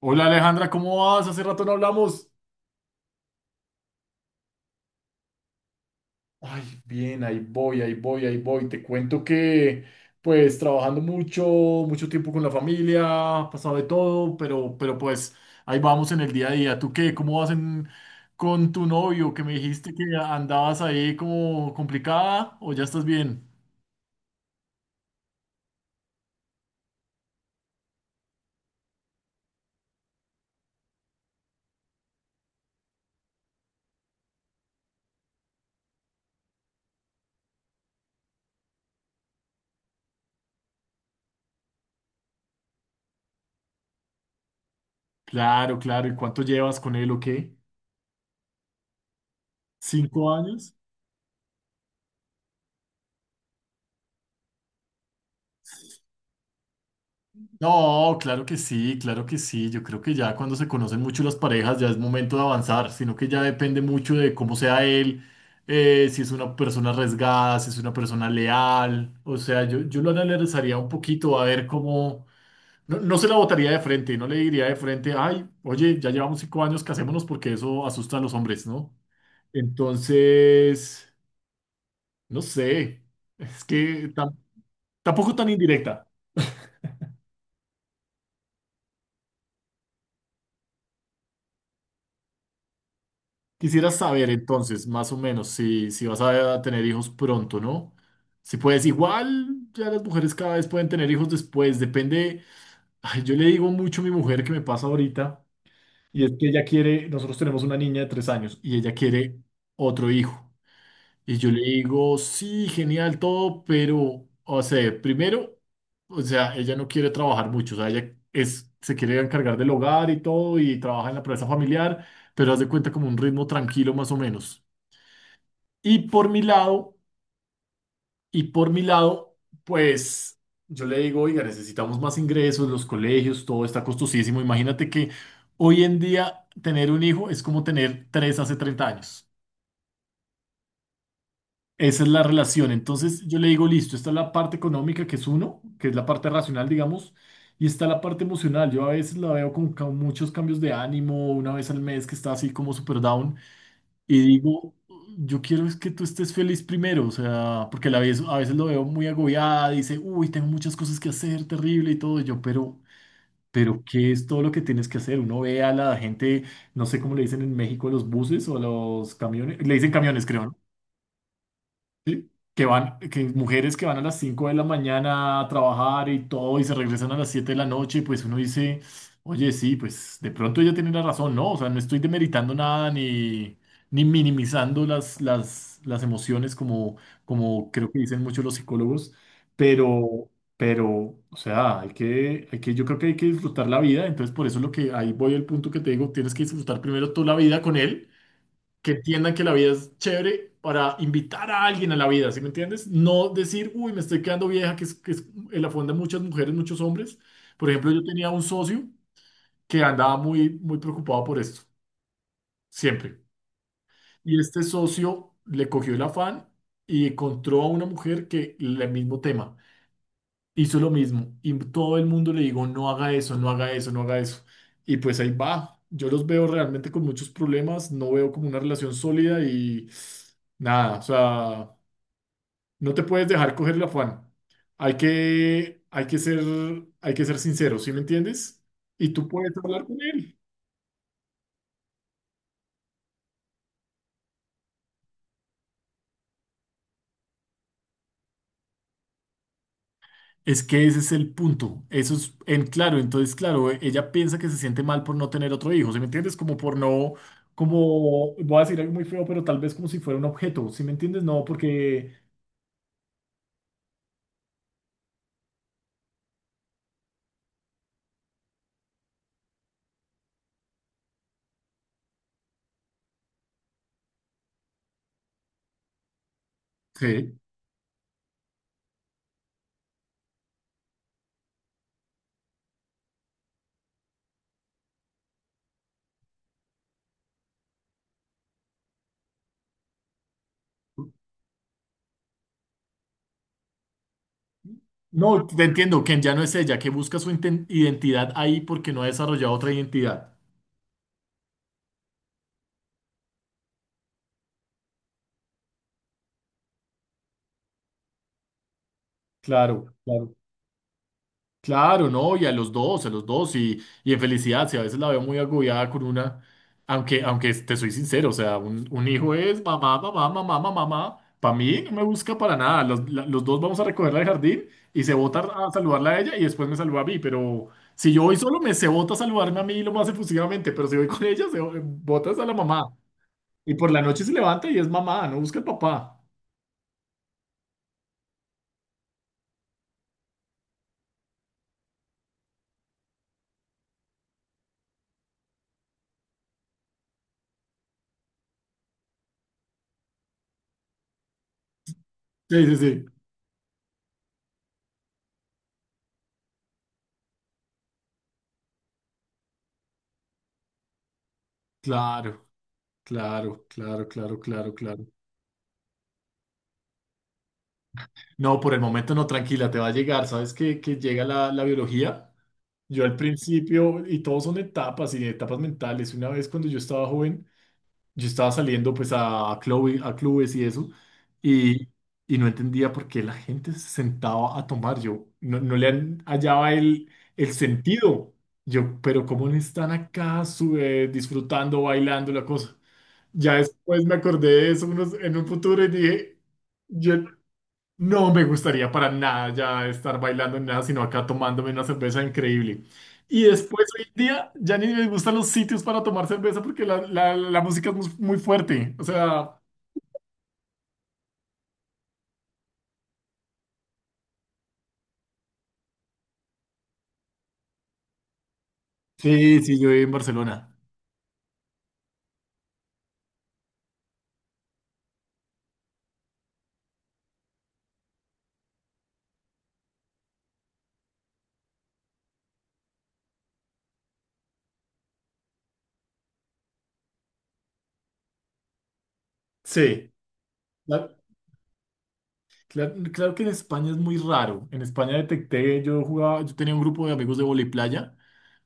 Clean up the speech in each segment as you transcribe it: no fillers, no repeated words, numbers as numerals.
Hola Alejandra, ¿cómo vas? Hace rato no hablamos. Ay, bien, ahí voy, ahí voy, ahí voy. Te cuento que, pues, trabajando mucho, mucho tiempo con la familia, ha pasado de todo, pero pues, ahí vamos en el día a día. ¿Tú qué? ¿Cómo vas con tu novio? Que me dijiste que andabas ahí como complicada, ¿o ya estás bien? Claro, claro. ¿Y cuánto llevas con él o qué? ¿5 años? No, claro que sí, claro que sí. Yo creo que ya cuando se conocen mucho las parejas ya es momento de avanzar, sino que ya depende mucho de cómo sea él, si es una persona arriesgada, si es una persona leal. O sea, yo lo analizaría un poquito a ver cómo. No, no se la botaría de frente, no le diría de frente, ay, oye, ya llevamos 5 años, casémonos porque eso asusta a los hombres, ¿no? Entonces, no sé, es que tam- tampoco tan indirecta. Quisiera saber entonces, más o menos, si vas a tener hijos pronto, ¿no? Si puedes, igual ya las mujeres cada vez pueden tener hijos después, depende. Ay, yo le digo mucho a mi mujer que me pasa ahorita, y es que ella quiere, nosotros tenemos una niña de 3 años y ella quiere otro hijo. Y yo le digo, sí, genial todo, pero, o sea, primero, o sea, ella no quiere trabajar mucho, o sea, ella es, se quiere encargar del hogar y todo, y trabaja en la empresa familiar, pero haz de cuenta como un ritmo tranquilo más o menos. Y por mi lado, y por mi lado, pues yo le digo, oiga, necesitamos más ingresos, los colegios, todo está costosísimo. Imagínate que hoy en día tener un hijo es como tener tres hace 30 años. Esa es la relación. Entonces yo le digo, listo, esta es la parte económica, que es uno, que es la parte racional, digamos, y está la parte emocional. Yo a veces la veo con muchos cambios de ánimo, una vez al mes que está así como super down. Y digo, yo quiero es que tú estés feliz primero, o sea, porque a la vez, a veces lo veo muy agobiada, dice, uy, tengo muchas cosas que hacer, terrible y todo, y yo, pero, ¿qué es todo lo que tienes que hacer? Uno ve a la gente, no sé cómo le dicen en México a los buses o a los camiones, le dicen camiones, creo, ¿no? Sí, que van, que mujeres que van a las 5 de la mañana a trabajar y todo y se regresan a las 7 de la noche, pues uno dice, oye, sí, pues de pronto ella tiene la razón, ¿no? O sea, no estoy demeritando nada ni minimizando las emociones como, como creo que dicen muchos los psicólogos, pero, pero, o sea, hay que, yo creo que hay que disfrutar la vida, entonces por eso es lo que, ahí voy al punto que te digo, tienes que disfrutar primero toda la vida con él que entiendan que la vida es chévere para invitar a alguien a la vida, ¿sí me entiendes? No decir, uy, me estoy quedando vieja, que es en la fonda muchas mujeres, muchos hombres. Por ejemplo, yo tenía un socio que andaba muy, muy preocupado por esto, siempre. Y este socio le cogió el afán y encontró a una mujer que el mismo tema hizo lo mismo y todo el mundo le digo, no haga eso, no haga eso, no haga eso. Y pues ahí va. Yo los veo realmente con muchos problemas, no veo como una relación sólida y nada, o sea, no te puedes dejar coger el afán. Hay que, hay que ser, hay que ser sincero, ¿sí me entiendes? Y tú puedes hablar con él. Es que ese es el punto. Eso es, en claro, entonces, claro, ella piensa que se siente mal por no tener otro hijo, ¿sí me entiendes? Como por no, como, voy a decir algo muy feo, pero tal vez como si fuera un objeto, ¿sí me entiendes? No, porque, sí. No, te entiendo, que ya no es ella, que busca su identidad ahí porque no ha desarrollado otra identidad. Claro, claro. Claro, no, y a los dos, y en felicidad, si a veces la veo muy agobiada con una, aunque te soy sincero, o sea, un hijo es mamá, mamá, mamá, mamá, mamá, para mí no me busca para nada, los dos vamos a recogerla del jardín y se bota a saludarla a ella y después me saluda a mí, pero si yo voy solo me se bota a saludarme a mí lo más efusivamente, pero si voy con ella se botas a la mamá, y por la noche se levanta y es mamá, no busca el papá. Sí, sí, sí, claro, claro, claro, claro, claro, claro. No, por el momento no, tranquila, te va a llegar. Sabes que, llega la biología. Yo al principio, y todos son etapas y etapas mentales. Una vez cuando yo estaba joven, yo estaba saliendo pues a clubes y eso, y, y no entendía por qué la gente se sentaba a tomar. Yo no le hallaba el sentido. Yo, pero ¿cómo no están acá disfrutando, bailando la cosa? Ya después me acordé de eso en un futuro y dije. Yo no me gustaría para nada ya estar bailando ni nada, sino acá tomándome una cerveza increíble. Y después hoy en día ya ni me gustan los sitios para tomar cerveza porque la música es muy muy fuerte. O sea, sí, sí, yo viví en Barcelona. Sí. La- claro que en España es muy raro. En España detecté, yo jugaba, yo tenía un grupo de amigos de voleiplaya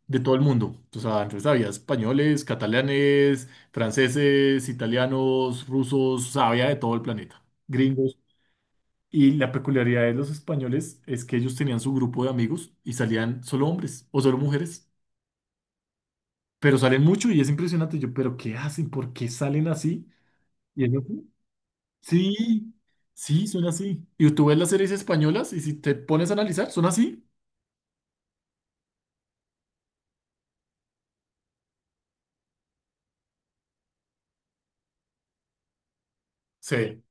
de todo el mundo. O sea, entonces había españoles, catalanes, franceses, italianos, rusos, o sea, había de todo el planeta. Gringos. Y la peculiaridad de los españoles es que ellos tenían su grupo de amigos y salían solo hombres o solo mujeres, pero salen mucho y es impresionante. Yo, ¿pero qué hacen? ¿Por qué salen así? Y es así. Sí, sí, son así. Y tú ves las series españolas y si te pones a analizar, son así. Sí,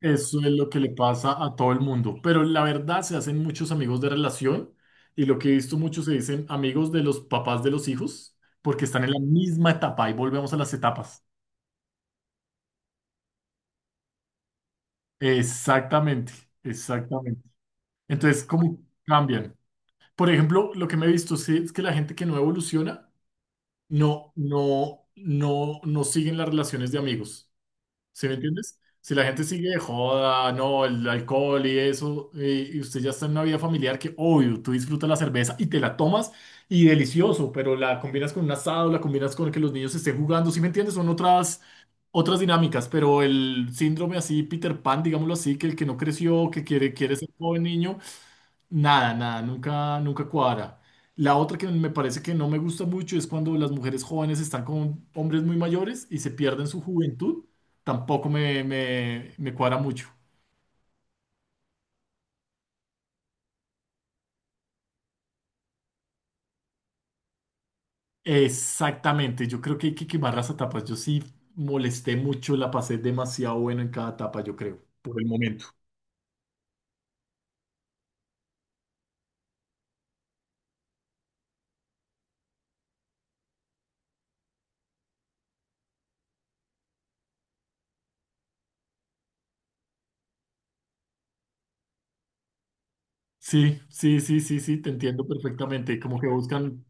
eso es lo que le pasa a todo el mundo. Pero la verdad se hacen muchos amigos de relación y lo que he visto muchos se dicen amigos de los papás de los hijos porque están en la misma etapa y volvemos a las etapas. Exactamente, exactamente. Entonces, ¿cómo cambian? Por ejemplo, lo que me he visto sí, es que la gente que no evoluciona no siguen las relaciones de amigos. ¿Sí me entiendes? Si la gente sigue de joda, no, el alcohol y eso, y usted ya está en una vida familiar que, obvio, tú disfrutas la cerveza y te la tomas y delicioso, pero la combinas con un asado, la combinas con que los niños estén jugando, ¿sí me entiendes? Son otras dinámicas, pero el síndrome así, Peter Pan, digámoslo así, que el que no creció, que quiere ser joven niño, nada, nada, nunca, nunca cuadra. La otra que me parece que no me gusta mucho es cuando las mujeres jóvenes están con hombres muy mayores y se pierden su juventud, tampoco me cuadra mucho. Exactamente, yo creo que hay que quemar las etapas. Yo sí molesté mucho, la pasé demasiado bueno en cada etapa, yo creo, por el momento. Sí, sí, sí, sí, sí, te entiendo perfectamente. Como que buscan.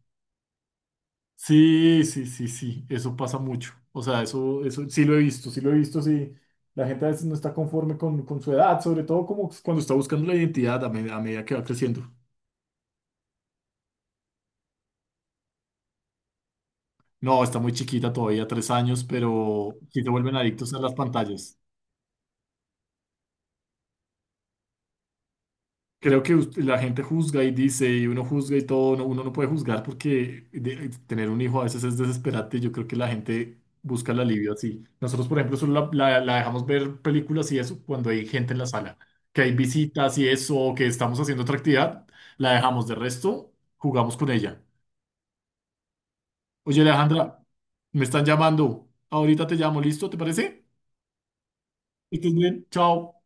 Sí, sí, sí, sí, eso pasa mucho. O sea, eso sí lo he visto, sí lo he visto, sí. La gente a veces no está conforme con su edad, sobre todo como cuando está buscando la identidad a medida que va creciendo. No, está muy chiquita todavía, 3 años, pero sí se vuelven adictos a las pantallas. Creo que la gente juzga y dice, y uno juzga y todo, uno no puede juzgar porque tener un hijo a veces es desesperante y yo creo que la gente busca el alivio así. Nosotros, por ejemplo, solo la dejamos ver películas y eso cuando hay gente en la sala, que hay visitas y eso, o que estamos haciendo otra actividad, la dejamos. De resto, jugamos con ella. Oye, Alejandra, me están llamando. Ahorita te llamo, ¿listo? ¿Te parece? Que estés bien, chao.